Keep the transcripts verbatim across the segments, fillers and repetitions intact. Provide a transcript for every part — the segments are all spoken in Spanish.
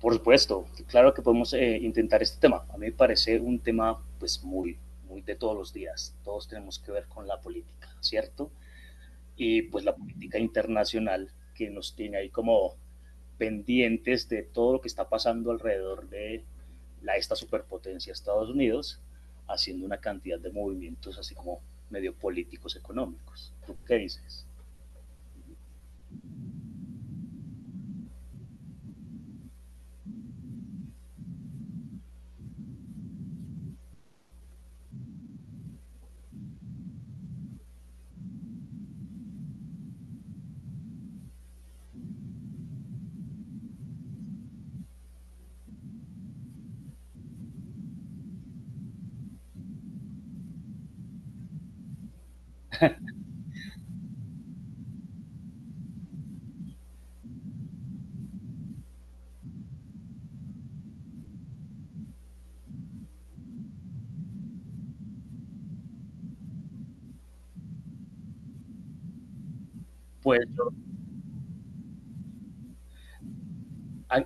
Por supuesto, claro que podemos eh, intentar este tema. A mí me parece un tema pues muy, muy de todos los días. Todos tenemos que ver con la política, ¿cierto? Y pues la política internacional que nos tiene ahí como pendientes de todo lo que está pasando alrededor de la, esta superpotencia Estados Unidos, haciendo una cantidad de movimientos así como medio políticos económicos. ¿Tú qué dices? Pues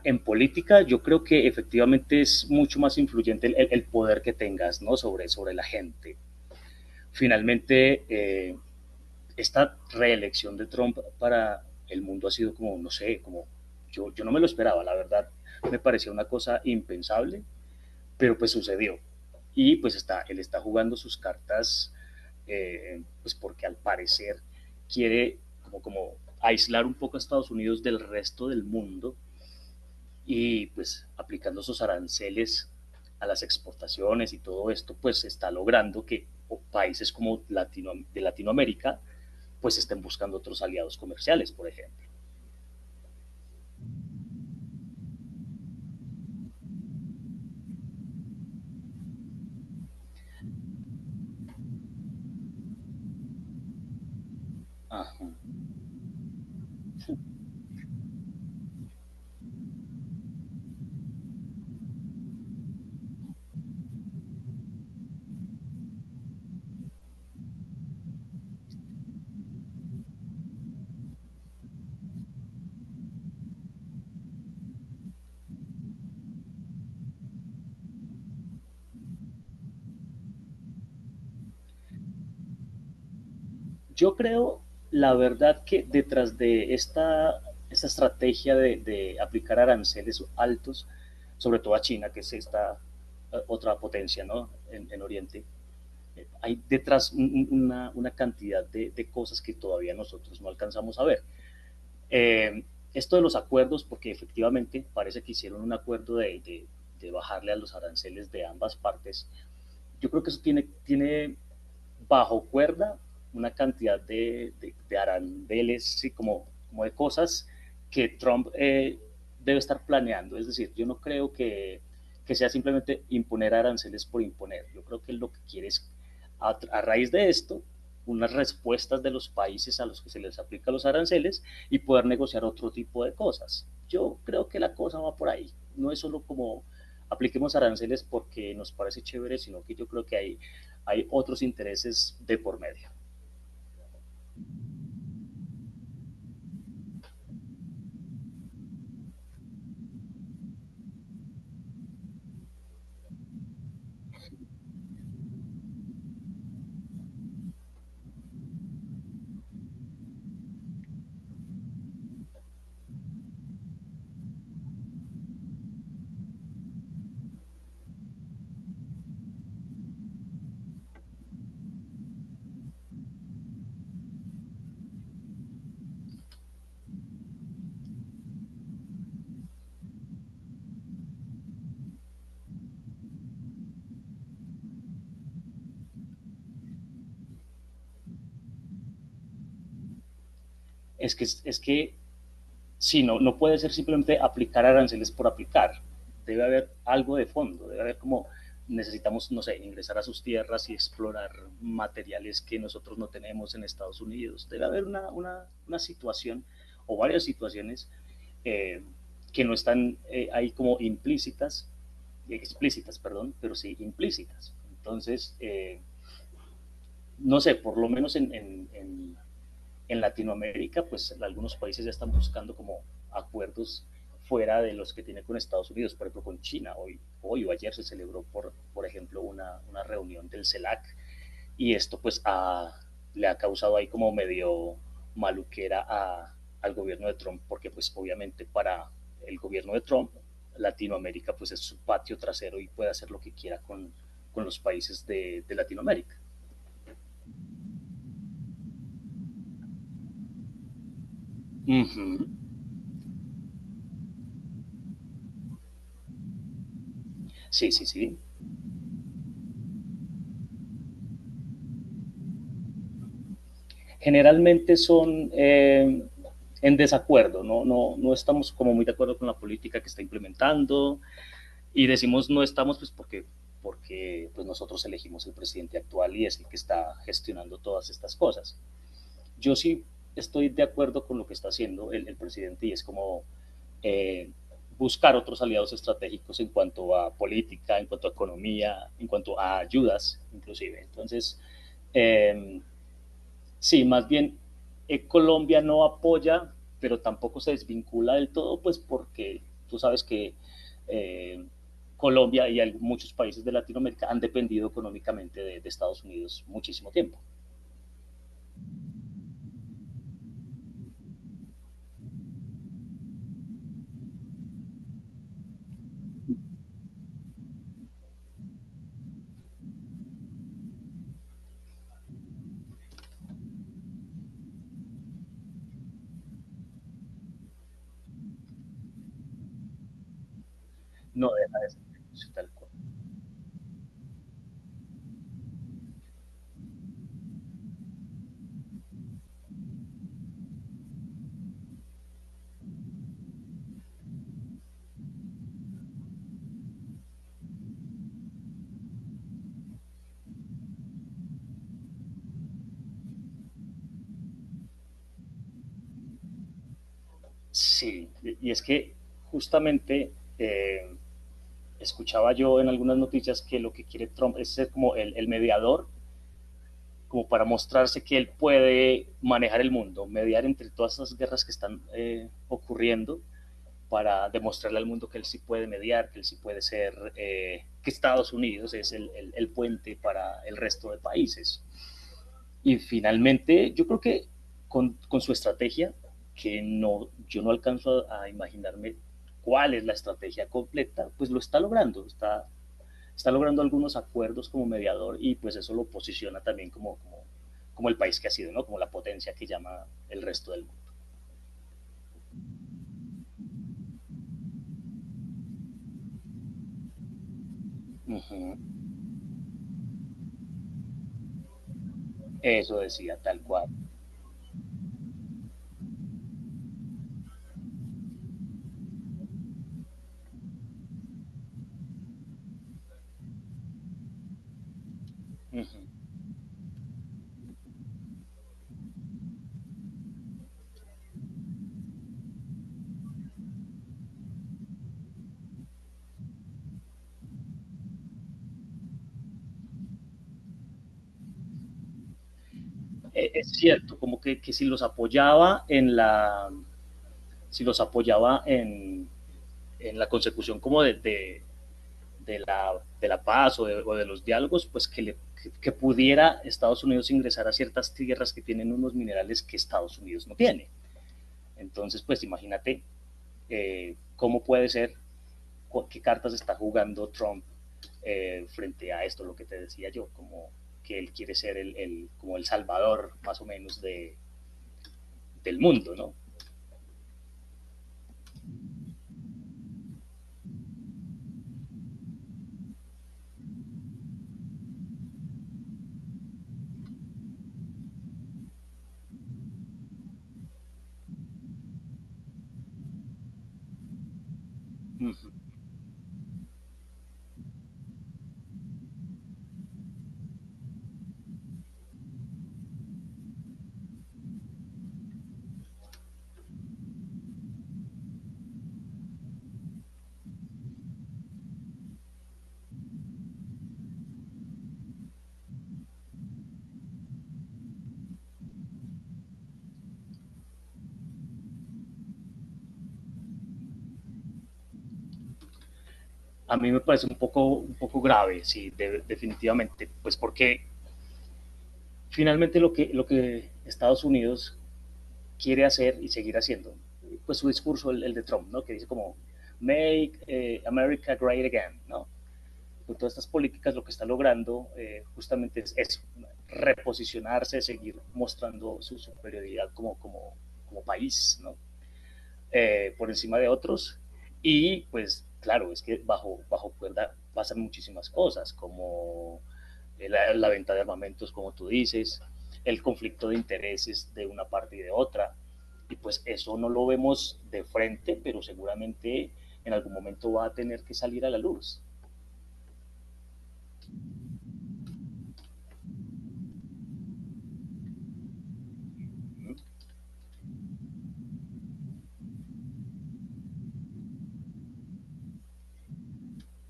en política yo creo que efectivamente es mucho más influyente el, el poder que tengas, ¿no? sobre, sobre la gente. Finalmente, eh, esta reelección de Trump para el mundo ha sido como, no sé, como yo, yo no me lo esperaba, la verdad me parecía una cosa impensable, pero pues sucedió. Y pues está, él está jugando sus cartas, eh, pues porque al parecer quiere como, como aislar un poco a Estados Unidos del resto del mundo y pues aplicando esos aranceles a las exportaciones y todo esto, pues está logrando que o países como Latino, de Latinoamérica, pues estén buscando otros aliados comerciales, por ejemplo. Ajá. Yo creo, la verdad, que detrás de esta, esta estrategia de, de, aplicar aranceles altos, sobre todo a China, que es esta, eh, otra potencia, ¿no? en, en Oriente, eh, hay detrás un, una, una, cantidad de, de cosas que todavía nosotros no alcanzamos a ver. Eh, Esto de los acuerdos, porque efectivamente parece que hicieron un acuerdo de, de, de bajarle a los aranceles de ambas partes, yo creo que eso tiene, tiene bajo cuerda una cantidad de, de, de arandeles y como, como de cosas que Trump eh, debe estar planeando. Es decir, yo no creo que, que, sea simplemente imponer aranceles por imponer. Yo creo que lo que quiere es, a, a raíz de esto, unas respuestas de los países a los que se les aplica los aranceles y poder negociar otro tipo de cosas. Yo creo que la cosa va por ahí. No es solo como apliquemos aranceles porque nos parece chévere, sino que yo creo que hay hay otros intereses de por medio. Es que, es que sí, no, no puede ser simplemente aplicar aranceles por aplicar. Debe haber algo de fondo, debe haber como necesitamos, no sé, ingresar a sus tierras y explorar materiales que nosotros no tenemos en Estados Unidos. Debe haber una, una, una situación o varias situaciones, eh, que no están eh, ahí como implícitas, explícitas, perdón, pero sí implícitas. Entonces, eh, no sé, por lo menos en, en, en En Latinoamérica, pues algunos países ya están buscando como acuerdos fuera de los que tiene con Estados Unidos, por ejemplo con China. Hoy, hoy o ayer se celebró, por, por ejemplo, una, una reunión del C E L A C, y esto pues a, le ha causado ahí como medio maluquera a, al gobierno de Trump, porque pues obviamente para el gobierno de Trump, Latinoamérica pues es su patio trasero y puede hacer lo que quiera con, con los países de, de Latinoamérica. Uh -huh. Sí, sí, sí. Generalmente son, eh, en desacuerdo, ¿no? No, no estamos como muy de acuerdo con la política que está implementando y decimos no estamos pues porque, porque pues nosotros elegimos el presidente actual y es el que está gestionando todas estas cosas. Yo sí estoy de acuerdo con lo que está haciendo el, el presidente y es como eh, buscar otros aliados estratégicos en cuanto a política, en cuanto a economía, en cuanto a ayudas inclusive. Entonces, eh, sí, más bien, eh, Colombia no apoya, pero tampoco se desvincula del todo, pues porque tú sabes que eh, Colombia y al- muchos países de Latinoamérica han dependido económicamente de, de Estados Unidos muchísimo tiempo. No deja de ser sí, tal cual. Sí, y es que justamente, eh, escuchaba yo en algunas noticias que lo que quiere Trump es ser como el, el mediador, como para mostrarse que él puede manejar el mundo, mediar entre todas esas guerras que están eh, ocurriendo, para demostrarle al mundo que él sí puede mediar, que él sí puede ser, eh, que Estados Unidos es el, el, el, puente para el resto de países. Y finalmente, yo creo que con, con su estrategia, que no, yo no alcanzo a, a imaginarme cuál es la estrategia completa, pues lo está logrando, está está logrando algunos acuerdos como mediador y pues eso lo posiciona también como, como, como el país que ha sido, ¿no? Como la potencia que llama el resto del mundo. Uh -huh. Eso decía tal cual. Uh -huh. Eh, es cierto, como que, que, si los apoyaba en la, si los apoyaba en, en la consecución como de, de, de, la, de la paz o de, o de los diálogos, pues que, le, que, que pudiera Estados Unidos ingresar a ciertas tierras que tienen unos minerales que Estados Unidos no tiene. Entonces, pues imagínate, eh, cómo puede ser, qué cartas está jugando Trump, eh, frente a esto, lo que te decía yo, como que él quiere ser el, el como el salvador más o menos de, del mundo, ¿no? A mí me parece un poco, un poco grave, sí, de, definitivamente, pues porque finalmente lo que, lo que Estados Unidos quiere hacer y seguir haciendo, pues su discurso, el, el de Trump, ¿no? Que dice como, make eh, America great again, ¿no? Con todas estas políticas lo que está logrando, eh, justamente es eso, reposicionarse, seguir mostrando su superioridad como, como, como país, ¿no? Eh, por encima de otros. Y pues claro, es que bajo, bajo cuerda pasan muchísimas cosas, como eh, la, la venta de armamentos, como tú dices, el conflicto de intereses de una parte y de otra. Y pues eso no lo vemos de frente, pero seguramente en algún momento va a tener que salir a la luz.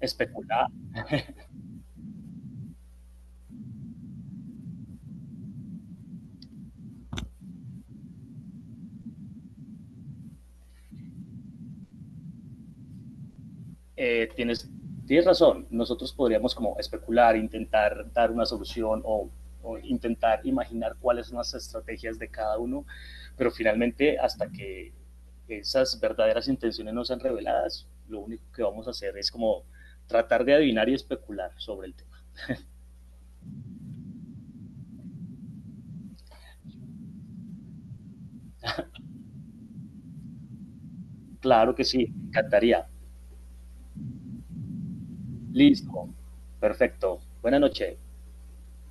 Especular, eh, tienes, tienes razón, nosotros podríamos como especular, intentar dar una solución o, o intentar imaginar cuáles son las estrategias de cada uno, pero finalmente hasta que esas verdaderas intenciones no sean reveladas, lo único que vamos a hacer es como tratar de adivinar y especular sobre el tema. Claro que sí, encantaría. Listo, perfecto. Buenas noches.